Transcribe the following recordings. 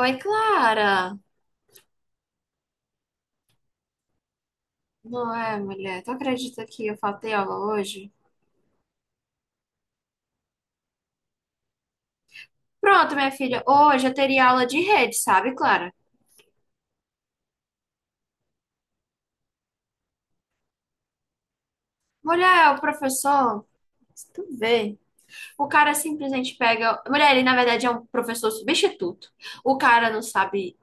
Oi, Clara. Não é, mulher? Tu acredita que eu faltei aula hoje? Pronto, minha filha. Hoje eu teria aula de rede, sabe, Clara? Mulher, é o professor, tu vê. O cara simplesmente pega. Mulher, ele na verdade é um professor substituto. O cara não sabe.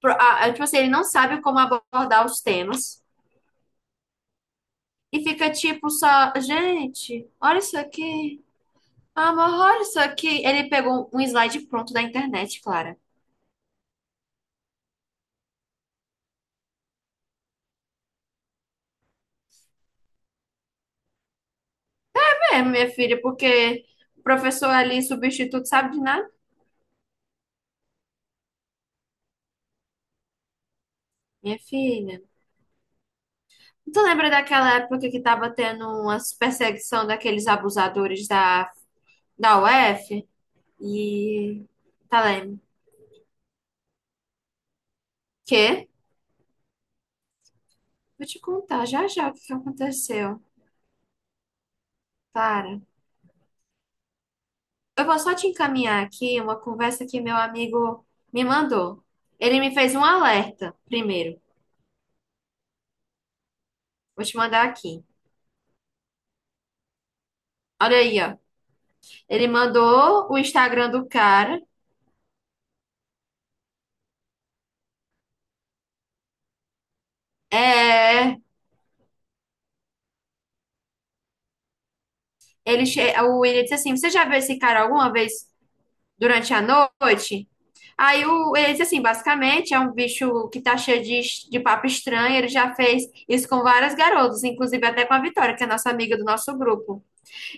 Tipo assim, ele não sabe como abordar os temas. E fica tipo só. Gente, olha isso aqui. Amor, olha isso aqui. Ele pegou um slide pronto da internet, Clara. É, minha filha, porque o professor ali, substituto, sabe de nada? Minha filha. Tu lembra daquela época que tava tendo umas perseguição daqueles abusadores da, da UF? E. Tá lendo? Quê? Vou te contar já já o que que aconteceu. Para. Eu vou só te encaminhar aqui uma conversa que meu amigo me mandou. Ele me fez um alerta primeiro. Vou te mandar aqui. Olha aí, ó. Ele mandou o Instagram do cara. É. Ele, o William disse assim: Você já viu esse cara alguma vez durante a noite? Ele disse assim: basicamente, é um bicho que tá cheio de papo estranho. Ele já fez isso com várias garotas, inclusive até com a Vitória, que é nossa amiga do nosso grupo.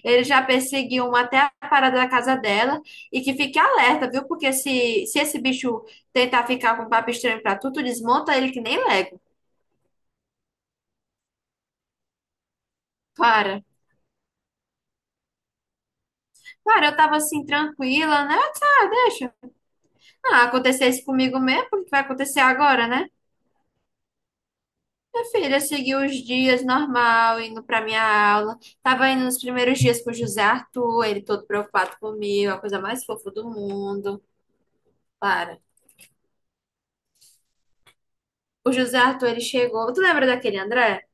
Ele já perseguiu uma até a parada da casa dela. E que fique alerta, viu? Porque se esse bicho tentar ficar com papo estranho pra tu, tu desmonta ele que nem Lego. Para. Para, eu tava assim, tranquila, né? Eu disse, ah, deixa. Ah, acontecesse comigo mesmo, porque vai acontecer agora, né? Minha filha seguiu os dias normal, indo pra minha aula. Tava indo nos primeiros dias com o José Arthur, ele todo preocupado comigo, a coisa mais fofa do mundo. Para. O José Arthur, ele chegou. Tu lembra daquele André?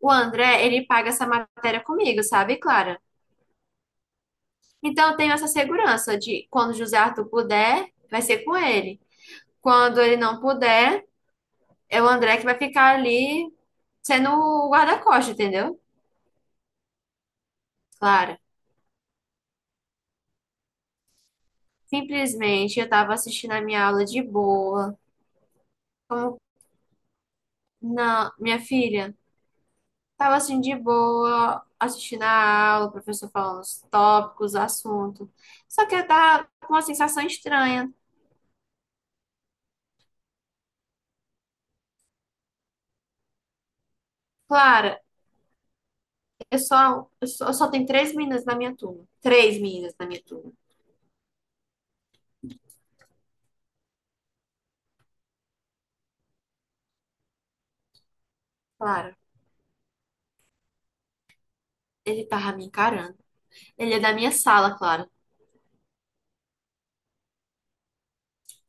O André, ele paga essa matéria comigo, sabe, Clara? Então eu tenho essa segurança de quando o José Arthur puder, vai ser com ele. Quando ele não puder, é o André que vai ficar ali sendo o guarda-costas, entendeu? Claro. Simplesmente eu tava assistindo a minha aula de boa. Como não, minha filha, tava assim de boa, assistindo a aula, o professor falando os tópicos, o assunto. Só que eu tava com uma sensação estranha. Clara, eu só tenho três meninas na minha turma. Três meninas na minha turma. Clara, ele tava me encarando. Ele é da minha sala, Clara.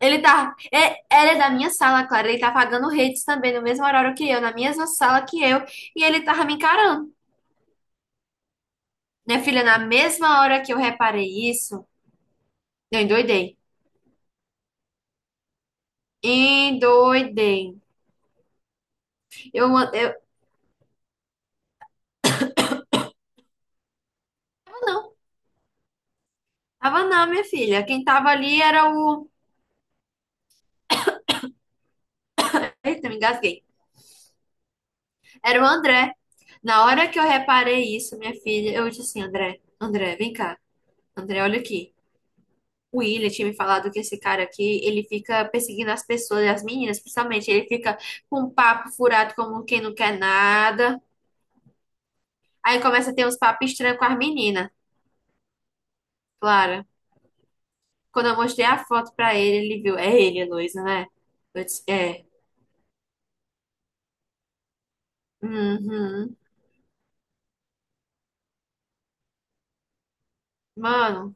Ela é da minha sala, Clara. Ele tá pagando redes também, no mesmo horário que eu, na mesma sala que eu, e ele tava me encarando. Minha filha, na mesma hora que eu reparei isso, eu endoidei. Endoidei. Eu, eu, não, tava não, minha filha. Quem tava ali era o. Eita, me engasguei. Era o André. Na hora que eu reparei isso, minha filha, eu disse assim: André, vem cá. André, olha aqui. O William tinha me falado que esse cara aqui, ele fica perseguindo as pessoas, as meninas principalmente. Ele fica com um papo furado como quem não quer nada. Aí começa a ter uns papos estranhos com as meninas. Claro. Quando eu mostrei a foto pra ele, ele viu. É ele, Heloísa, né? Eu disse, é. Uhum. Mano,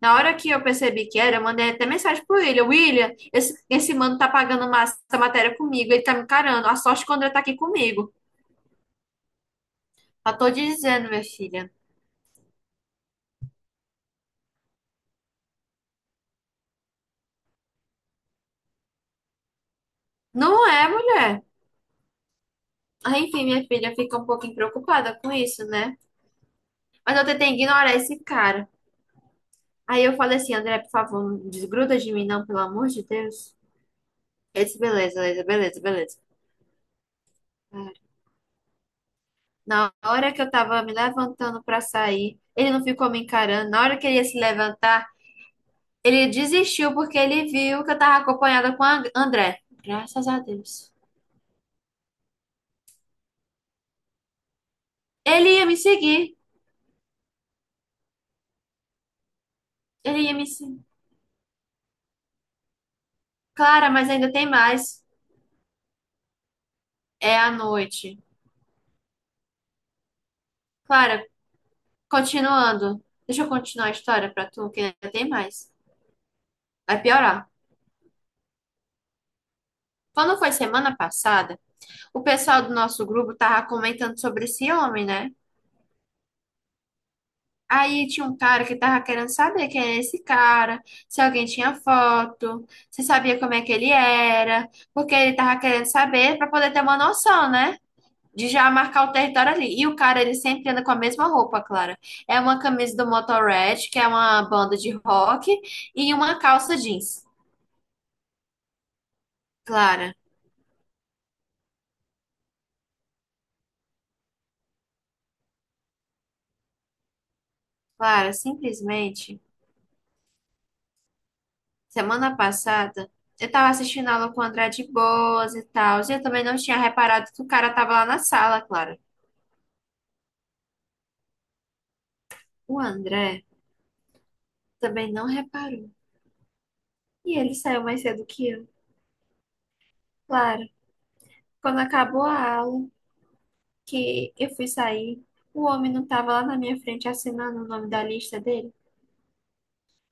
na hora que eu percebi que era, eu mandei até mensagem pro William. William, esse mano tá pagando uma, essa matéria comigo, ele tá me encarando. A sorte quando ele tá aqui comigo. Já tô dizendo, minha filha. Não é, mulher. Ah, enfim, minha filha fica um pouquinho preocupada com isso, né? Mas eu tentei ignorar esse cara. Aí eu falei assim, André, por favor, não desgruda de mim, não, pelo amor de Deus. Ele disse, beleza, beleza, beleza, beleza. Na hora que eu tava me levantando pra sair, ele não ficou me encarando. Na hora que ele ia se levantar, ele desistiu porque ele viu que eu tava acompanhada com a André. Graças a Deus. Ele ia me seguir. Ele ia me seguir. Clara, mas ainda tem mais. É a noite. Clara, continuando. Deixa eu continuar a história pra tu, que ainda tem mais. Vai piorar. Quando foi semana passada, o pessoal do nosso grupo tava comentando sobre esse homem, né? Aí tinha um cara que tava querendo saber quem era esse cara, se alguém tinha foto, se sabia como é que ele era, porque ele tava querendo saber pra poder ter uma noção, né? De já marcar o território ali. E o cara, ele sempre anda com a mesma roupa, Clara. É uma camisa do Motorhead, que é uma banda de rock, e uma calça jeans. Clara, Clara, simplesmente, semana passada, eu tava assistindo aula com o André de Boas e tal, e eu também não tinha reparado que o cara tava lá na sala, Clara. O André. Também não reparou. E ele saiu mais cedo que eu. Claro, quando acabou a aula, que eu fui sair, o homem não estava lá na minha frente assinando o nome da lista dele.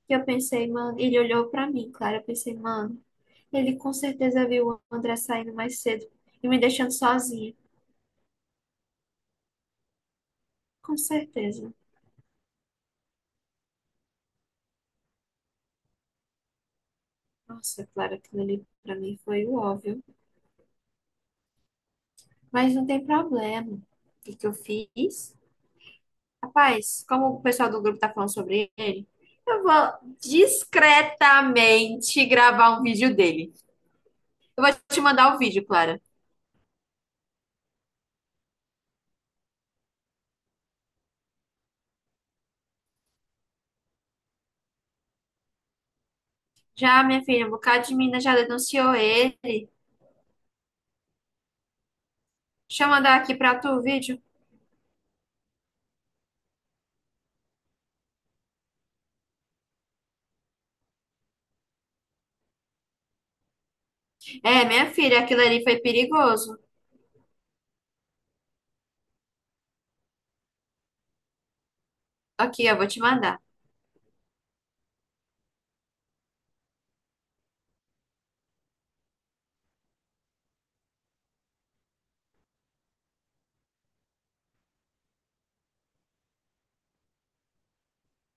E eu pensei, mano, ele olhou pra mim, claro, eu pensei, mano, ele com certeza viu o André saindo mais cedo e me deixando sozinha. Com certeza. Nossa, claro, aquilo ali pra mim foi o óbvio. Mas não tem problema. O que que eu fiz? Rapaz, como o pessoal do grupo tá falando sobre ele, eu vou discretamente gravar um vídeo dele. Eu vou te mandar o vídeo, Clara. Já, minha filha, um bocado de mina já denunciou ele. Deixa eu mandar aqui pra tu o vídeo. É, minha filha, aquilo ali foi perigoso. Aqui, eu vou te mandar.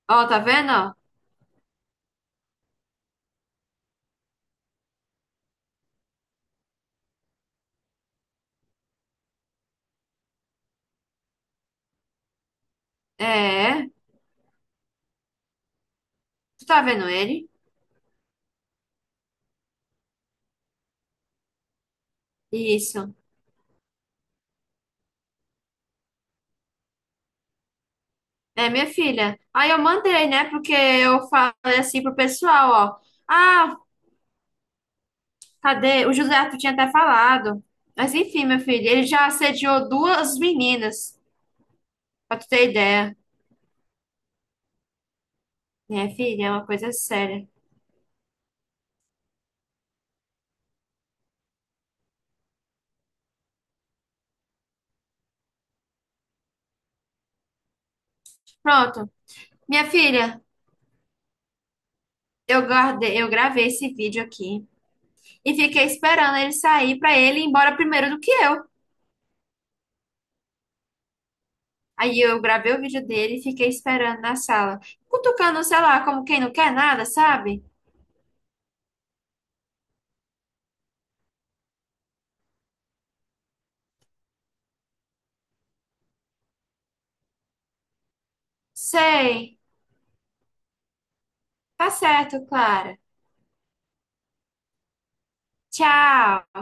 Ó, tá vendo? Ó? É, tu tá vendo ele? Isso. É, minha filha. Aí eu mandei, né? Porque eu falei assim pro pessoal, ó. Ah, cadê? O José Arthur tinha até falado. Mas enfim, meu filho, ele já assediou duas meninas, pra tu ter ideia. Minha filha, é uma coisa séria. Pronto. Minha filha, eu guardei, eu gravei esse vídeo aqui e fiquei esperando ele sair pra ele ir embora primeiro do que eu. Aí eu gravei o vídeo dele e fiquei esperando na sala, cutucando, sei lá, como quem não quer nada, sabe? Sei. Tá certo, Clara. Tchau.